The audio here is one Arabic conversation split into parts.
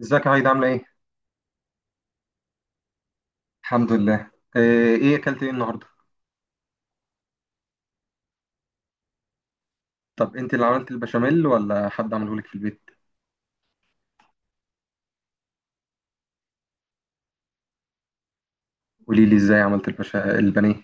ازيك يا عايدة عاملة ايه؟ الحمد لله. ايه اكلت ايه النهاردة؟ طب انت اللي عملت البشاميل ولا حد عمله لك في البيت؟ قولي لي ازاي عملت البانيه.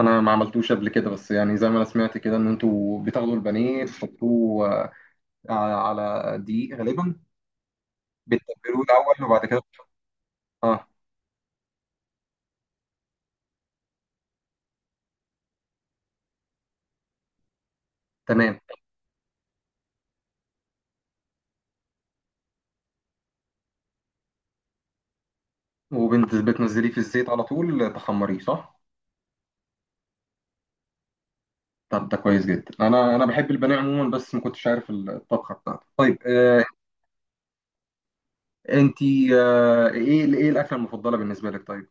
انا ما عملتوش قبل كده بس يعني زي ما انا سمعت كده ان انتوا بتاخدوا البانيه تحطوه على دقيق غالبا. بتتبلوه الاول وبعد كده. اه تمام. وبتنزليه في الزيت على طول تخمريه صح؟ طب ده كويس جدا، انا بحب البانيه عموما بس ما كنتش عارف الطبخة بتاعته. طيب انت. ايه الاكلة المفضلة بالنسبة لك طيب؟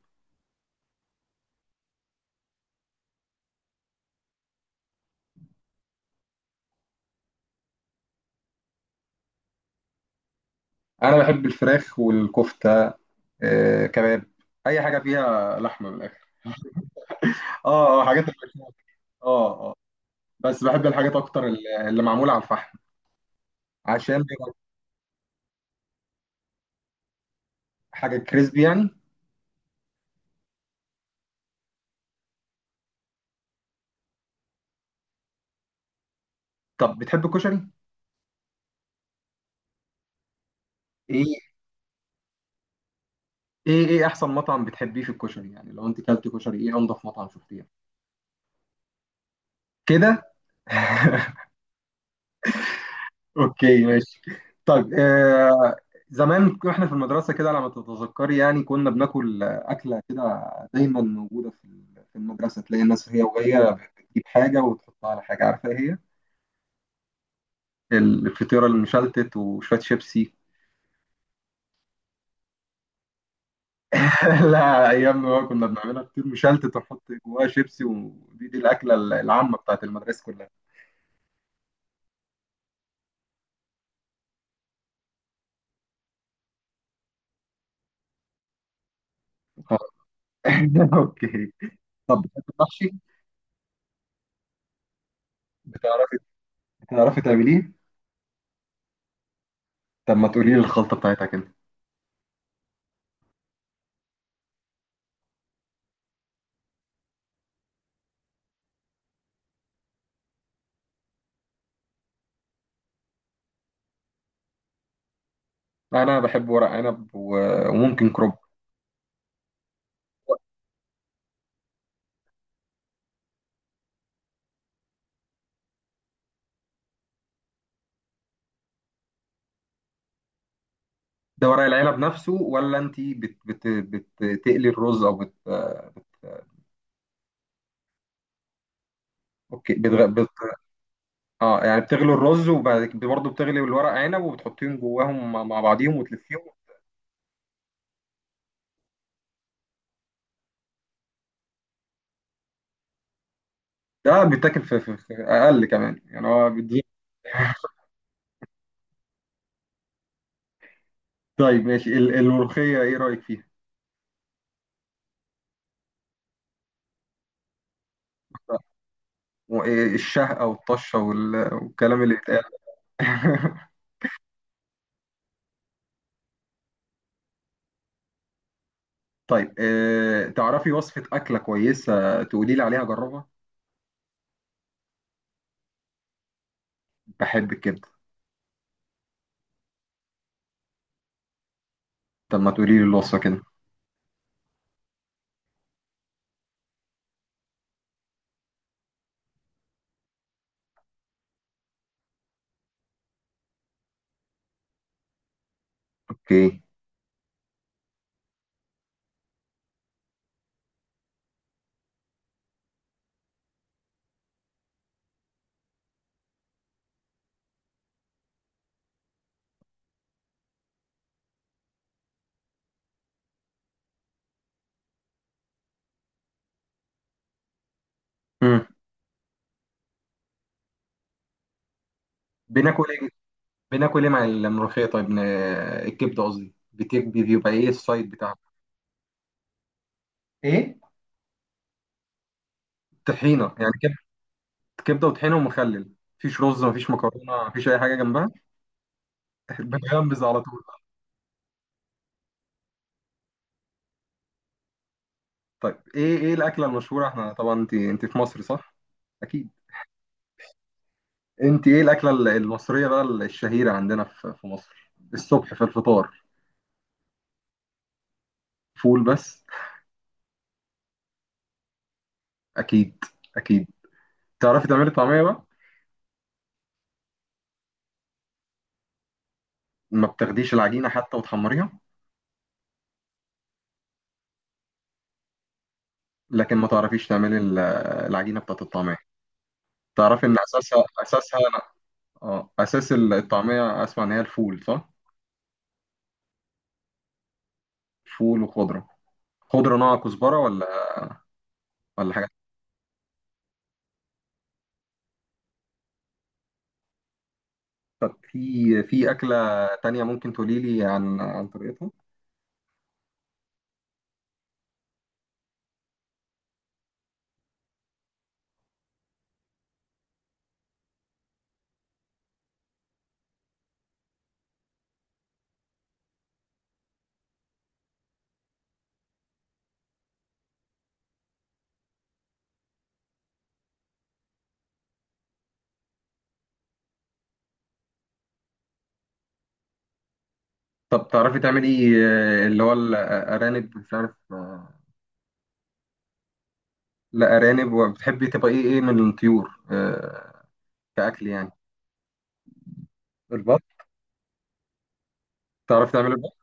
انا بحب الفراخ والكفته. كباب، اي حاجه فيها لحمه من الاخر. اه اه، حاجات اللحوم. اه اه. بس بحب الحاجات اكتر اللي معموله على الفحم، عشان بيبقى حاجه كريسبي يعني. طب بتحب الكشري؟ ايه؟ ايه احسن مطعم بتحبيه في الكشري؟ يعني لو انت كلت كشري ايه انضف مطعم شفتيه؟ كده. اوكي ماشي. طيب زمان كنا احنا في المدرسه كده على ما تتذكري، يعني كنا بناكل اكله كده دايما موجوده في في المدرسه. تلاقي الناس هي وهي بتجيب حاجه وتحطها على حاجه، عارفه ايه هي؟ الفطيره المشلتت وشويه شيبسي. لا، ايام ما كنا بنعملها فطير مشلتت ونحط جواها شيبسي، ودي الاكله العامه بتاعت المدرسه كلها. طب. اوكي. طب بتحب المحشي؟ بتعرفي بتعرفي تعمليه؟ طب ما تقولي لي الخلطه بتاعتها كده. لا انا بحب ورق عنب وممكن كرنب. ده ورق العنب نفسه، ولا انت بت بت بتقلي الرز، او اوكي. اه يعني بتغلي الرز وبعد كده برضه بتغلي الورق عنب وبتحطيهم جواهم مع بعضيهم وتلفيهم. ده بيتاكل في اقل كمان، يعني هو بيدي. طيب ماشي، الملوخيه ايه رايك فيها؟ وإيه الشهقه والطشه والكلام اللي بيتقال؟ طيب تعرفي وصفه اكله كويسه تقولي لي عليها جربها؟ بحب الكبده. طب ما تقولي لي الوصفة كده. اوكي. امم بناكل ايه؟ بناكل ايه مع الملوخية طيب الكبدة قصدي، بيبقى ايه السايد بتاعها؟ ايه؟ طحينة يعني كبدة؟ كبدة وطحينة ومخلل، مفيش رز مفيش مكرونة مفيش أي حاجة جنبها؟ بتغمز على طول. طيب ايه الأكلة المشهورة؟ احنا طبعا انت في مصر صح؟ أكيد. انت ايه الأكلة المصرية بقى الشهيرة عندنا في مصر الصبح في الفطار؟ فول بس؟ أكيد أكيد. تعرفي تعملي طعمية بقى؟ ما بتاخديش العجينة حتى وتحمريها؟ لكن ما تعرفيش تعملي العجينه بتاعت الطعميه؟ تعرفي ان اساسها انا. اه اساس الطعميه اسمع ان هي الفول، صح؟ فول وخضره. خضره نوع كزبره ولا حاجه؟ طب في. في اكله تانية ممكن تقولي لي عن طريقتها؟ طب تعرفي تعملي اللي هو الارانب؟ مش عارف. لا ارانب. وبتحبي تبقى ايه من الطيور كاكل يعني؟ البط؟ تعرفي تعملي البط؟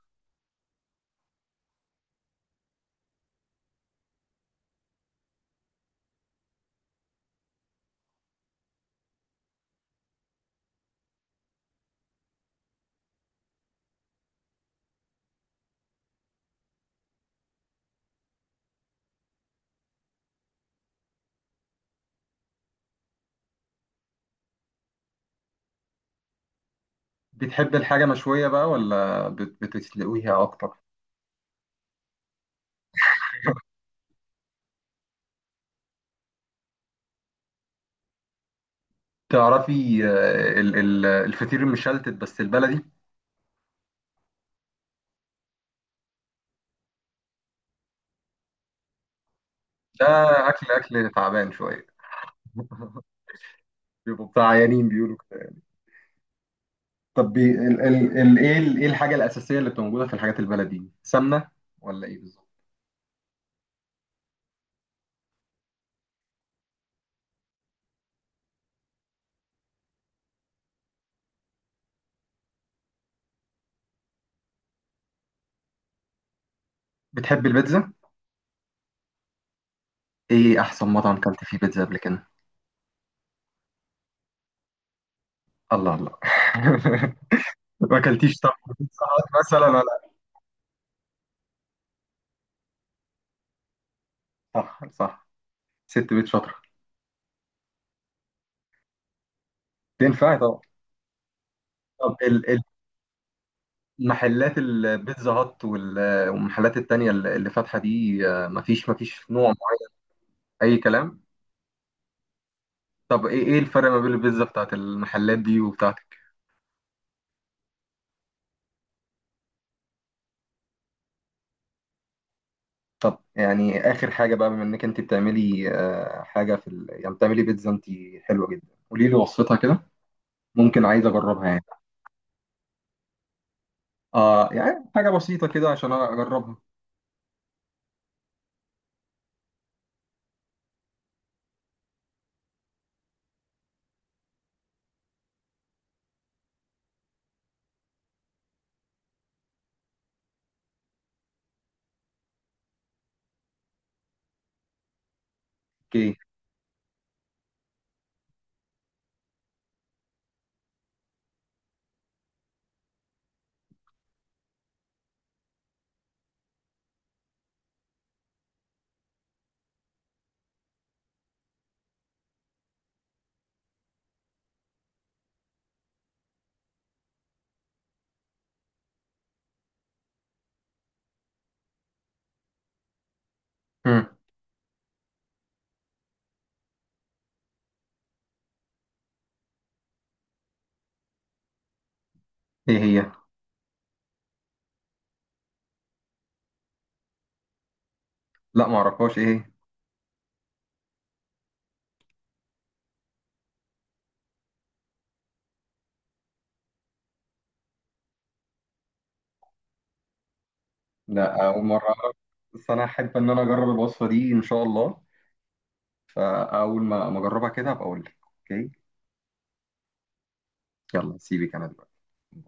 بتحبي الحاجه مشويه بقى ولا بتسلقيها اكتر؟ تعرفي الفطير المشلتت بس البلدي؟ ده اكل تعبان شويه. بيبقوا بتاع عيانين بيقولوا كده. طب ال ال ال ايه ايه الحاجه الاساسيه اللي بتبقى موجوده في الحاجات البلدي، سمنه ولا ايه بالظبط؟ بتحب البيتزا؟ ايه احسن مطعم كلت فيه بيتزا قبل كده؟ الله الله. ما اكلتيش طبعا بيتزا هات مثلا ولا؟ صح صح. ست بيت شاطره. تنفع طبعا. طب المحلات البيتزا هات والمحلات التانية اللي فاتحة دي، مفيش نوع؟ اي كلام. طب ايه الفرق ما بين البيتزا بتاعت المحلات دي وبتاعتك؟ طب يعني اخر حاجه بقى، بما انك انت بتعملي حاجه في يعني بتعملي بيتزا انت حلوه جدا، قولي لي وصفتها كده. ممكن عايز اجربها يعني. اه يعني حاجه بسيطه كده عشان اجربها. اوكي. هم. ايه هي؟ لا ما اعرفهاش، ايه هي؟ لا اول مره أعرف. بس انا احب ان انا اجرب الوصفه دي ان شاء الله، فاول ما اجربها كده هبقى اقول لك. اوكي. يلا سيبك انا دلوقتي.